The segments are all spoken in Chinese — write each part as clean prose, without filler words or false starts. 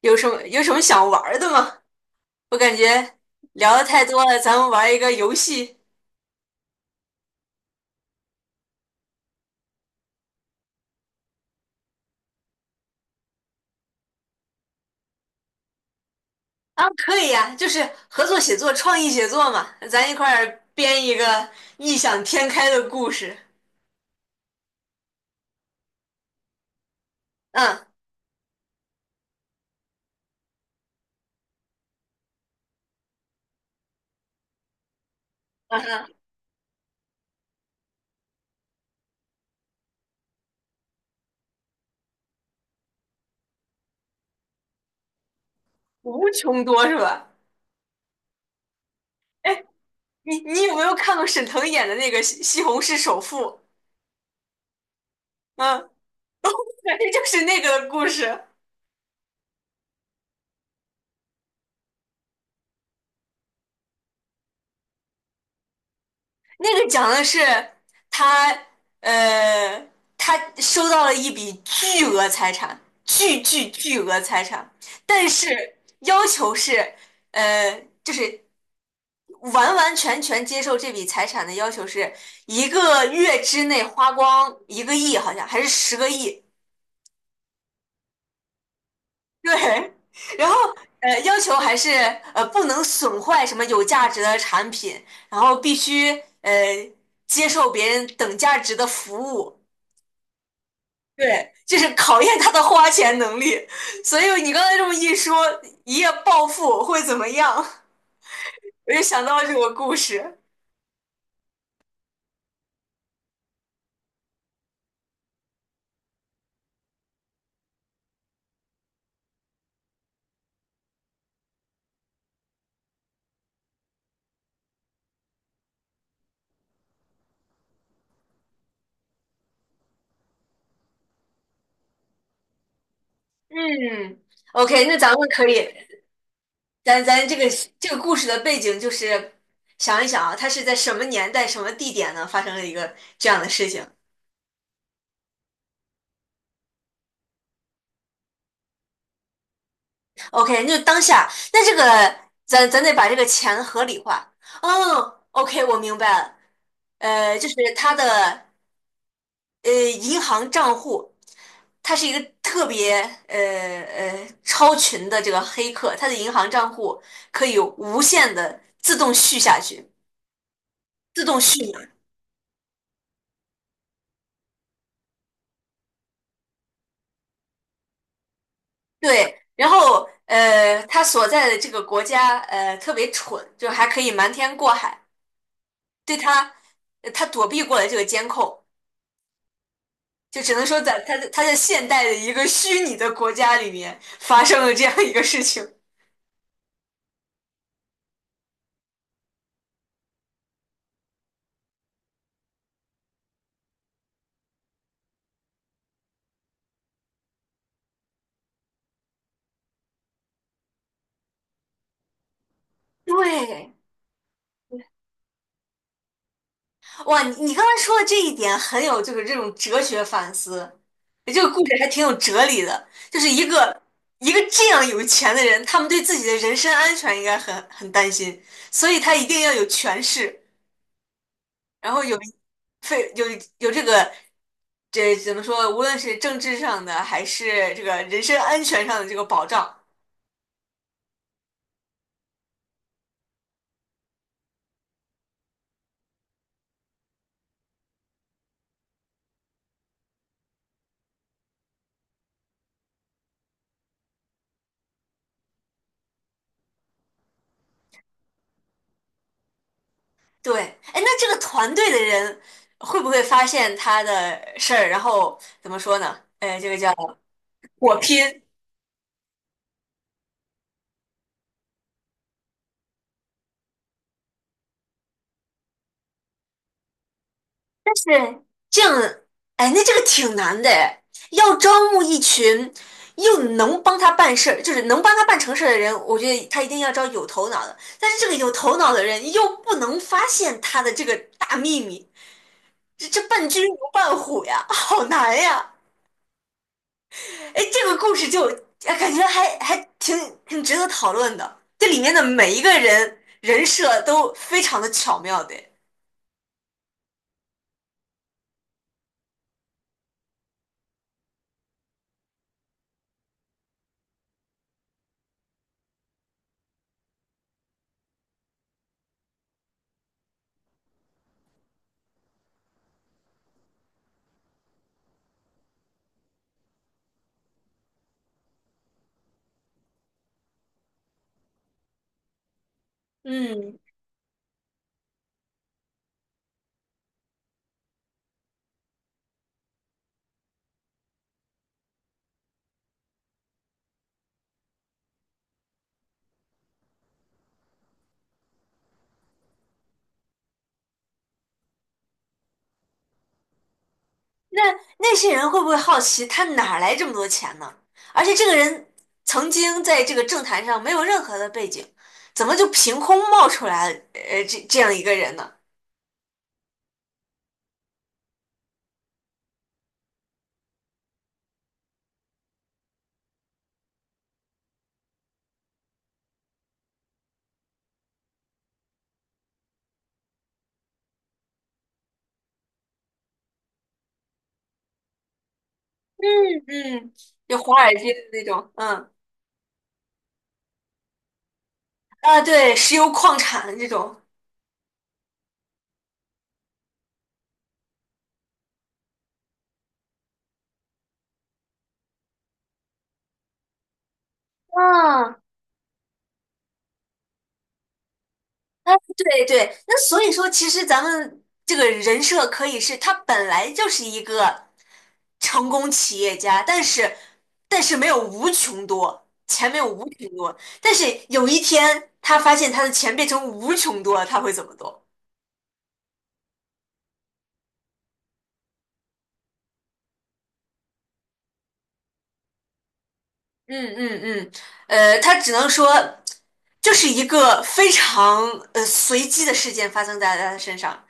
有什么想玩儿的吗？我感觉聊的太多了，咱们玩一个游戏。啊，可以呀，就是合作写作、创意写作嘛，咱一块儿编一个异想天开的故事。嗯嗯哼，无穷多是吧？哎，你有没有看过沈腾演的那个《西红柿首富》？嗯，觉就是那个故事。那个讲的是他，呃，他收到了一笔巨额财产，巨额财产，但是要求是，呃，就是完完全全接受这笔财产的要求是一个月之内花光一个亿，好像还是十个亿。对，然后要求还是不能损坏什么有价值的产品，然后必须呃接受别人等价值的服务。对，就是考验他的花钱能力。所以你刚才这么一说，一夜暴富会怎么样？我就想到了这个故事。嗯，OK，那咱们可以。咱这个这个故事的背景就是想一想啊，他是在什么年代、什么地点呢发生了一个这样的事情？OK，那就当下，那这个咱得把这个钱合理化。哦，OK，我明白了。呃，就是他的银行账户，他是一个特别呃超群的这个黑客，他的银行账户可以无限的自动续下去，自动续满。对，然后他所在的这个国家呃特别蠢，就还可以瞒天过海，对他，他躲避过了这个监控，就只能说在他在现代的一个虚拟的国家里面发生了这样一个事情。对，哇，你刚才说的这一点很有就是这种哲学反思，这个故事还挺有哲理的。就是一个这样有钱的人，他们对自己的人身安全应该很担心，所以他一定要有权势，然后有非有有这个这怎么说？无论是政治上的还是这个人身安全上的这个保障，对。哎，那这个团队的人会不会发现他的事儿，然后怎么说呢？呃，这个叫火拼。是这样，哎，那这个挺难的哎，要招募一群又能帮他办事儿，就是能帮他办成事儿的人，我觉得他一定要招有头脑的。但是这个有头脑的人又不能发现他的这个大秘密，这伴君如伴虎呀，好难呀！哎，这个故事就哎感觉还挺值得讨论的，这里面的每一个人人设都非常的巧妙的。嗯，那那些人会不会好奇他哪儿来这么多钱呢？而且这个人曾经在这个政坛上没有任何的背景，怎么就凭空冒出来呃这样一个人呢？嗯，就华尔街的那种。嗯啊，对，石油矿产的这种。嗯，哎，对对，那所以说，其实咱们这个人设可以是他本来就是一个成功企业家，但是没有无穷多，钱没有无穷多，但是有一天他发现他的钱变成无穷多了，他会怎么做？嗯嗯嗯，呃，他只能说就是一个非常呃随机的事件发生在他的身上，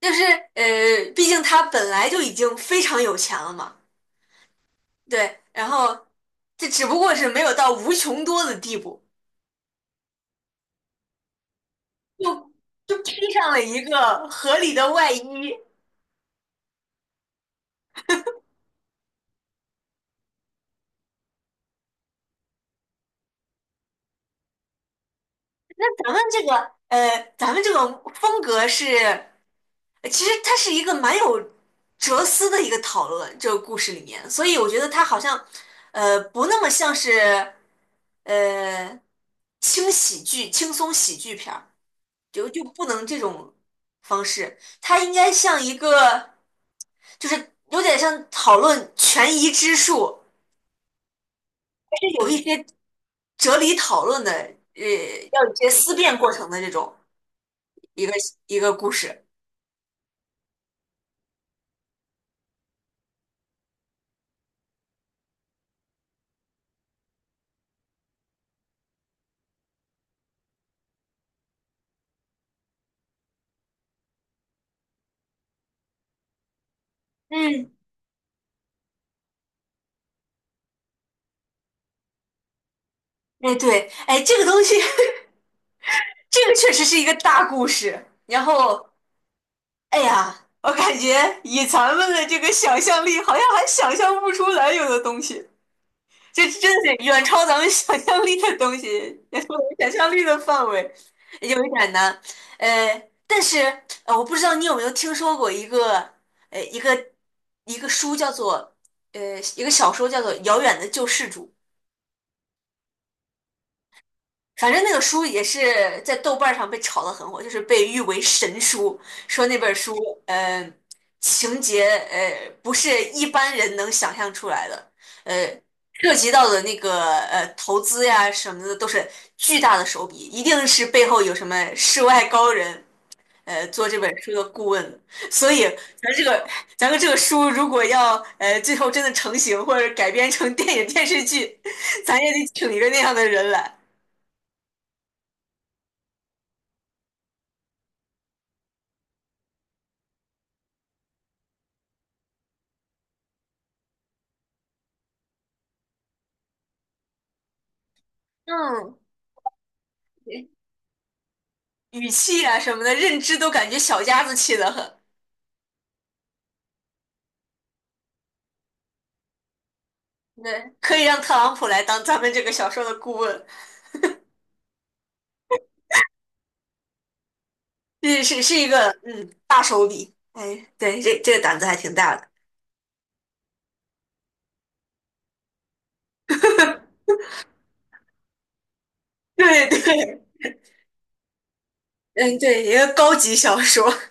就是呃，毕竟他本来就已经非常有钱了嘛。对，然后这只不过是没有到无穷多的地步，就就披上了一个合理的外衣。咱们这个风格是，呃其实它是一个蛮有哲思的一个讨论，这个故事里面，所以我觉得它好像不那么像是呃轻喜剧、轻松喜剧片儿。就不能这种方式，它应该像一个，就是有点像讨论权宜之术，是有一些哲理讨论的，要有一些思辨过程的这种一个一个故事。嗯，哎对，哎这个东西，这个确实是一个大故事。然后，哎呀，我感觉以咱们的这个想象力，好像还想象不出来有的东西。这真的是远超咱们想象力的东西，远超我们想象力的范围，有一点难。但是我不知道你有没有听说过呃一个一个书叫做一个小说叫做《遥远的救世主》。反正那个书也是在豆瓣上被炒得很火，就是被誉为神书，说那本书，呃，情节不是一般人能想象出来的，呃，涉及到的那个投资呀什么的都是巨大的手笔，一定是背后有什么世外高人，做这本书的顾问的。所以咱这个咱们这个书如果要最后真的成型或者改编成电影电视剧，咱也得请一个那样的人来。嗯。语气啊什么的，认知都感觉小家子气得很。对，可以让特朗普来当咱们这个小说的顾问，是一个嗯大手笔。哎，对，这这个胆子还挺大的。对对，嗯对，一个高级小说。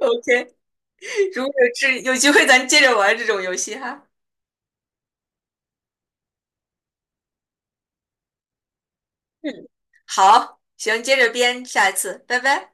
OK，如果有机会，咱接着玩这种游戏哈。嗯，好，行，接着编，下一次，拜拜。